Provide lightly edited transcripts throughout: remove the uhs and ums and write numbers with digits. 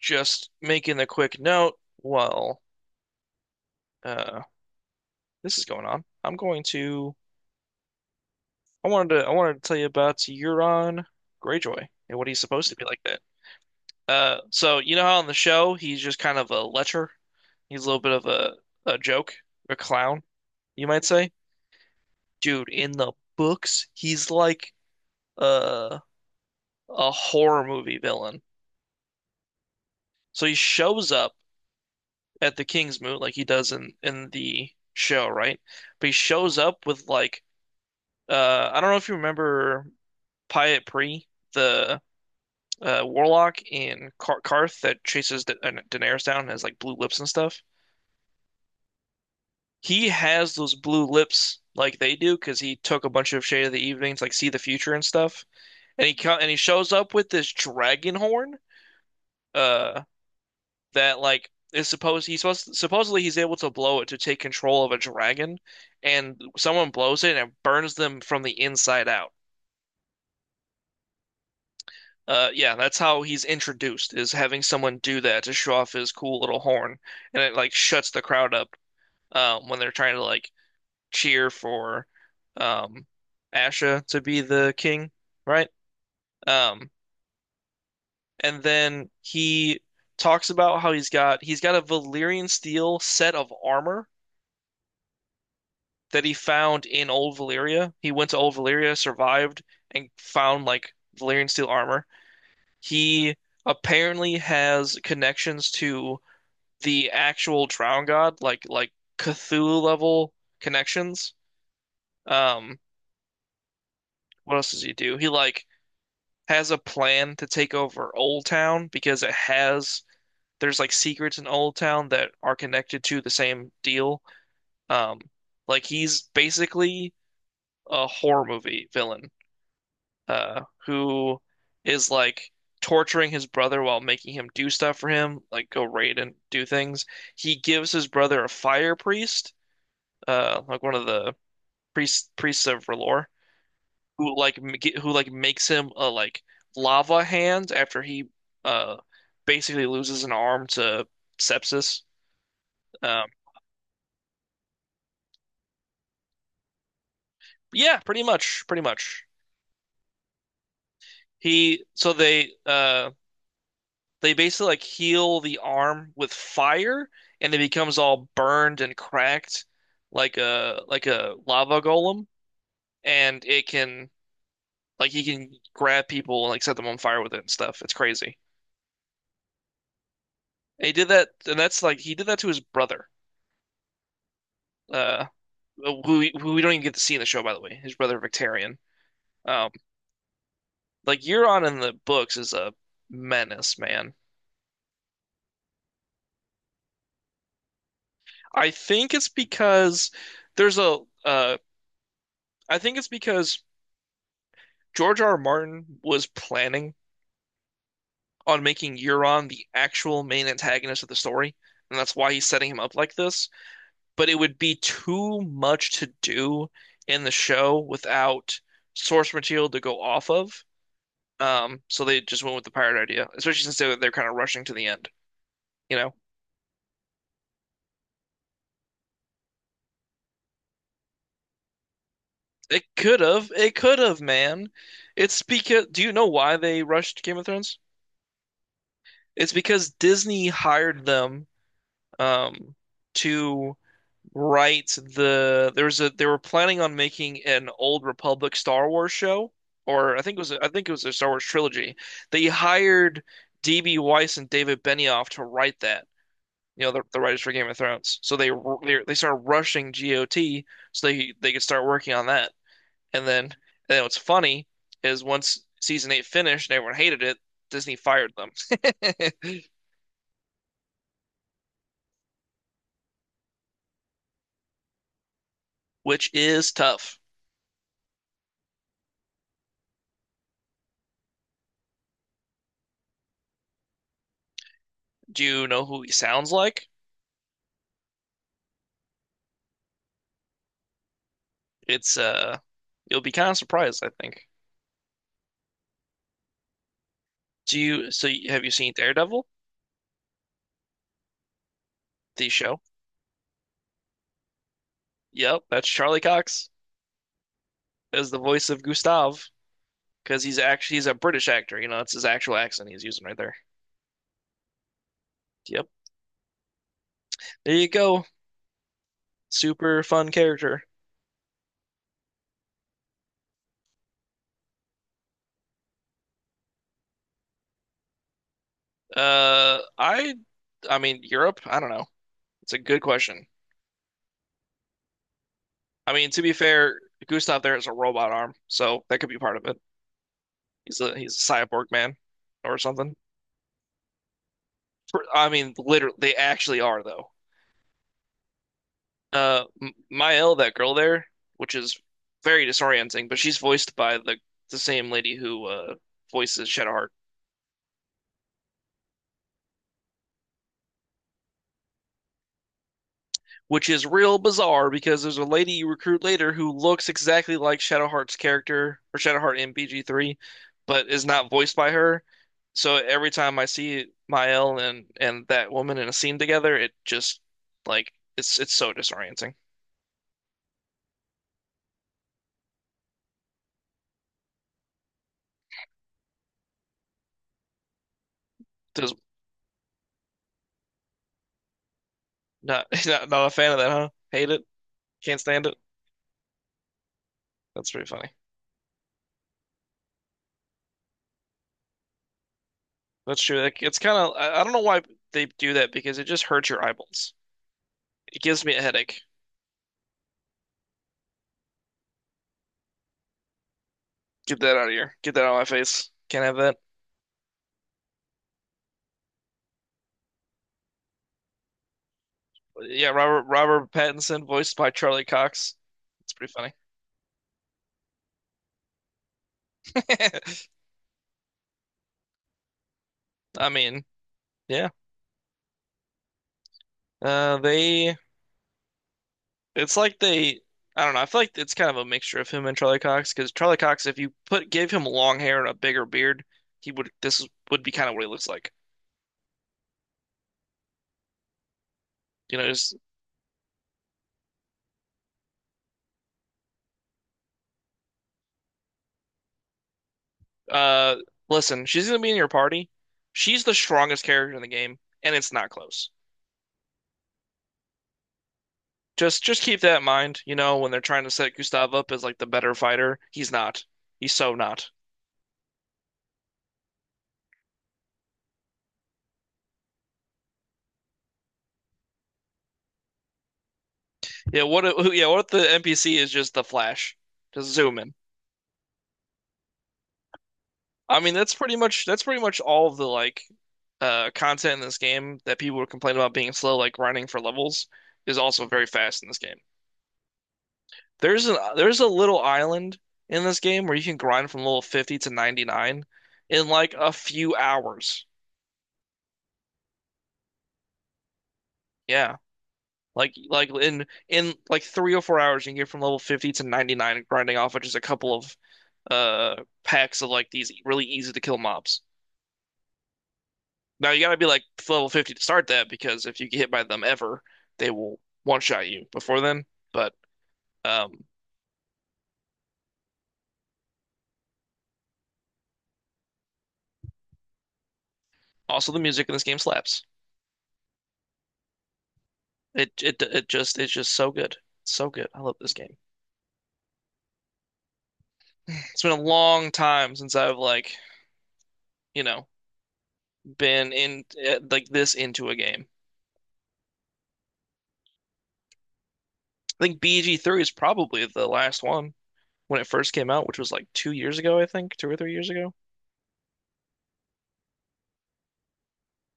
Just making a quick note while uh, this is going on. I'm going to. I wanted to tell you about Euron Greyjoy and what he's supposed to be like that. So you know how on the show he's just kind of a lecher. He's a little bit of a joke, a clown, you might say. Dude, in the books, he's like uh, a horror movie villain. So he shows up at the King's Moot like he does in the show, right? But he shows up with like. I don't know if you remember Pyat Pre, the warlock in Kar Karth that chases da Daenerys down and has like blue lips and stuff. He has those blue lips like they do because he took a bunch of Shade of the Evenings, like see the future and stuff. And he shows up with this dragon horn, uh, that like is supposed he's supposed supposedly he's able to blow it to take control of a dragon, and someone blows it and it burns them from the inside out. Yeah, that's how he's introduced, is having someone do that to show off his cool little horn, and it like shuts the crowd up, when they're trying to like cheer for um, Asha to be the king, right? Um, and then he talks about how he's got a Valyrian steel set of armor that he found in Old Valyria. He went to Old Valyria, survived, and found like Valyrian steel armor. He apparently has connections to the actual Drown God, like Cthulhu level connections. Um, what else does he do? He has a plan to take over Old Town because it has there's like secrets in Old Town that are connected to the same deal. Um, like he's basically a horror movie villain, who is like torturing his brother while making him do stuff for him, like go raid and do things. He gives his brother a fire priest, like one of the priests of R'hllor, who like m- who like makes him a like lava hand after he uh basically loses an arm to sepsis. Um, yeah, pretty much, pretty much. He so they basically like heal the arm with fire, and it becomes all burned and cracked like a lava golem, and it can like he can grab people and like set them on fire with it and stuff. It's crazy. And he did that, and that's like he did that to his brother, uh, who we don't even get to see in the show, by the way, his brother Victarion. Um, like Euron in the books is a menace, man. I think it's because there's a uh, I think it's because George R. R. Martin was planning on making Euron the actual main antagonist of the story, and that's why he's setting him up like this. But it would be too much to do in the show without source material to go off of. So they just went with the pirate idea, especially since they're kind of rushing to the end. You know, it could have, man. It's because, do you know why they rushed Game of Thrones? It's because Disney hired them, um, to they were planning on making an Old Republic Star Wars show, or I think it was, I think it was a Star Wars trilogy. They hired D.B. Weiss and David Benioff to write that. You know, the writers for Game of Thrones. So they started rushing GOT so they could start working on that. And then what's funny is once season eight finished and everyone hated it, Disney fired them, which is tough. Do you know who he sounds like? It's You'll be kind of surprised, I think. Do you so you, Have you seen Daredevil, the show? Yep, that's Charlie Cox as the voice of Gustav because he's a British actor. You know, it's his actual accent he's using right there. Yep. There you go. Super fun character. Uh, I, I mean, Europe. I don't know. It's a good question. I mean, to be fair, Gustav there has a robot arm, so that could be part of it. He's a cyborg man or something. For- I mean, literally, they actually are though. M- Mael, that girl there, which is very disorienting, but she's voiced by the same lady who voices Shadowheart, which is real bizarre because there's a lady you recruit later who looks exactly like Shadowheart's character or Shadowheart in BG3, but is not voiced by her. So every time I see Mael and that woman in a scene together, it just like it's so disorienting. Does not not a fan of that, huh? Hate it, can't stand it. That's pretty funny. That's true. Like, it's kind of I don't know why they do that because it just hurts your eyeballs. It gives me a headache. Get that out of here. Get that out of my face. Can't have that. Yeah, Robert Pattinson, voiced by Charlie Cox. It's pretty funny. I mean, yeah. They. It's like they. I don't know. I feel like it's kind of a mixture of him and Charlie Cox because Charlie Cox, if you put gave him long hair and a bigger beard, he would. This would be kind of what he looks like. You know, just uh, listen. She's gonna be in your party. She's the strongest character in the game, and it's not close. Just keep that in mind. You know, when they're trying to set Gustav up as like the better fighter, he's not. He's so not. Yeah, what if, yeah, what if the NPC is just the Flash? Just zoom in. I mean, that's pretty much all of the like content in this game that people would complain about being slow, like grinding for levels, is also very fast in this game. There's a little island in this game where you can grind from level 50 to 99 in like a few hours. Yeah. Like in like 3 or 4 hours you can get from level 50 to 99 grinding off of just a couple of uh packs of like these really easy to kill mobs. Now you gotta be like level 50 to start that because if you get hit by them ever, they will one shot you before then. But um, also the music in this game slaps. It just it's just so good. So good. I love this game. It's been a long time since I've like, you know, been in like this into a game. I think BG3 is probably the last one when it first came out, which was like 2 years ago, I think, 2 or 3 years ago.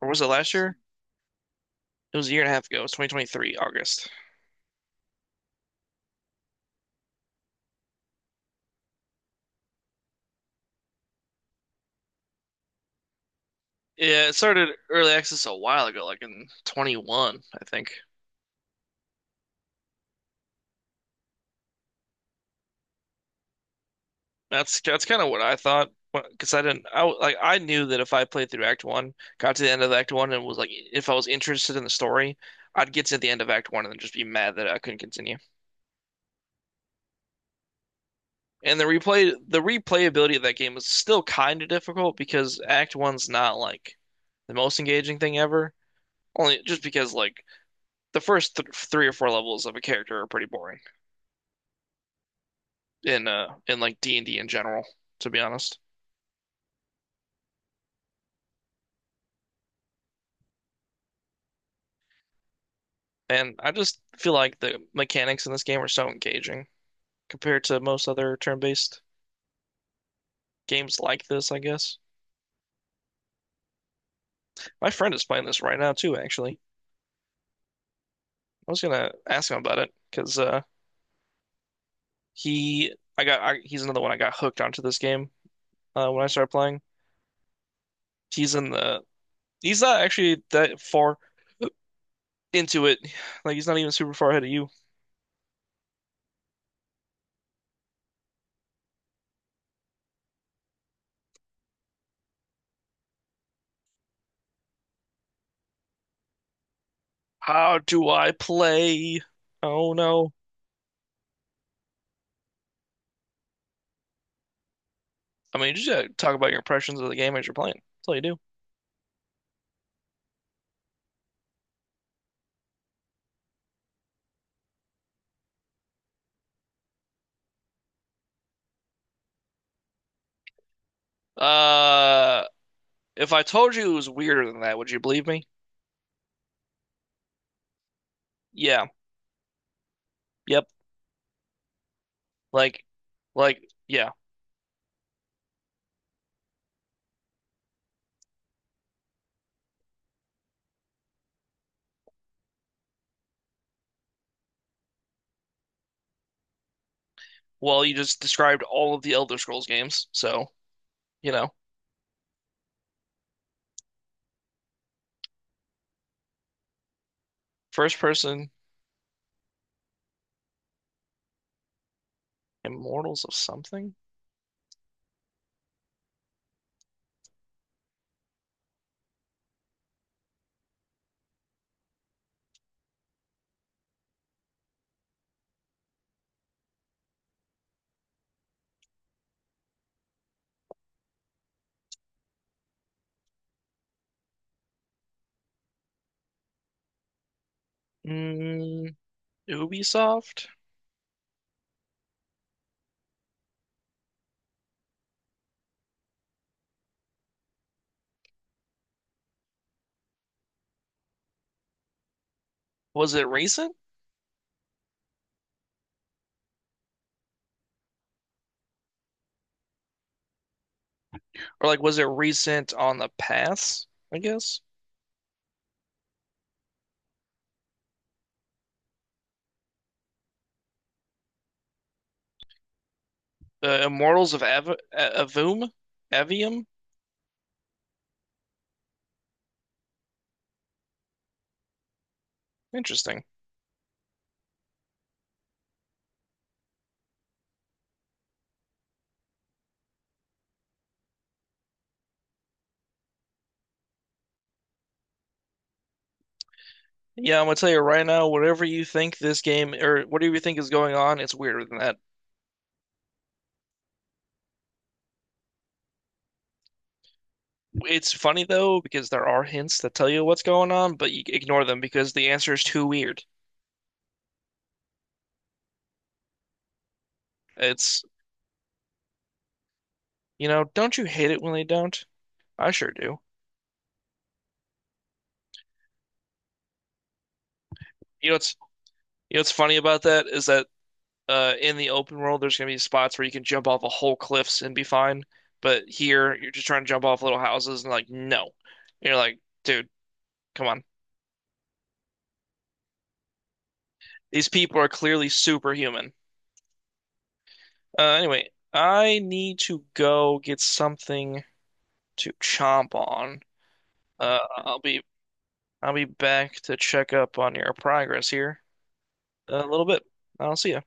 Or was it last year? It was a year and a half ago. It was 2023, August. Yeah, it started early access a while ago, like in 21, I think. That's kind of what I thought, because I didn't, I w- like I knew that if I played through Act One, got to the end of Act One, and was like, if I was interested in the story, I'd get to the end of Act One and then just be mad that I couldn't continue. And the replayability of that game is still kind of difficult because Act One's not like the most engaging thing ever. Only just because like the first th three or four levels of a character are pretty boring in like D&D in general, to be honest. And I just feel like the mechanics in this game are so engaging compared to most other turn-based games like this, I guess. My friend is playing this right now too, actually. I was gonna ask him about it because he's another one I got hooked onto this game when I started playing. He's in the, he's not actually that far into it. Like he's not even super far ahead of you. How do I play? Oh no. I mean, you just gotta talk about your impressions of the game as you're playing. That's all you do. Uh, If I told you it was weirder than that, would you believe me? Yeah. Yep. Like, like, yeah. Well, you just described all of the Elder Scrolls games, so you know, first person. Immortals of something? Mm, Ubisoft? Was it recent? Or like, was it recent on the pass, I guess? Immortals of Av Avum? Avium? Interesting. Yeah, I'm gonna tell you right now, whatever you think this game or whatever you think is going on, it's weirder than that. It's funny though because there are hints that tell you what's going on, but you ignore them because the answer is too weird. It's, you know, don't you hate it when they don't? I sure do. You know what's you know what's funny about that is that in the open world there's gonna be spots where you can jump off a whole cliffs and be fine, but here you're just trying to jump off little houses and like no. And you're like, dude, come on. These people are clearly superhuman. Anyway, I need to go get something to chomp on. Uh, I'll be I'll be back to check up on your progress here in a little bit. I'll see you.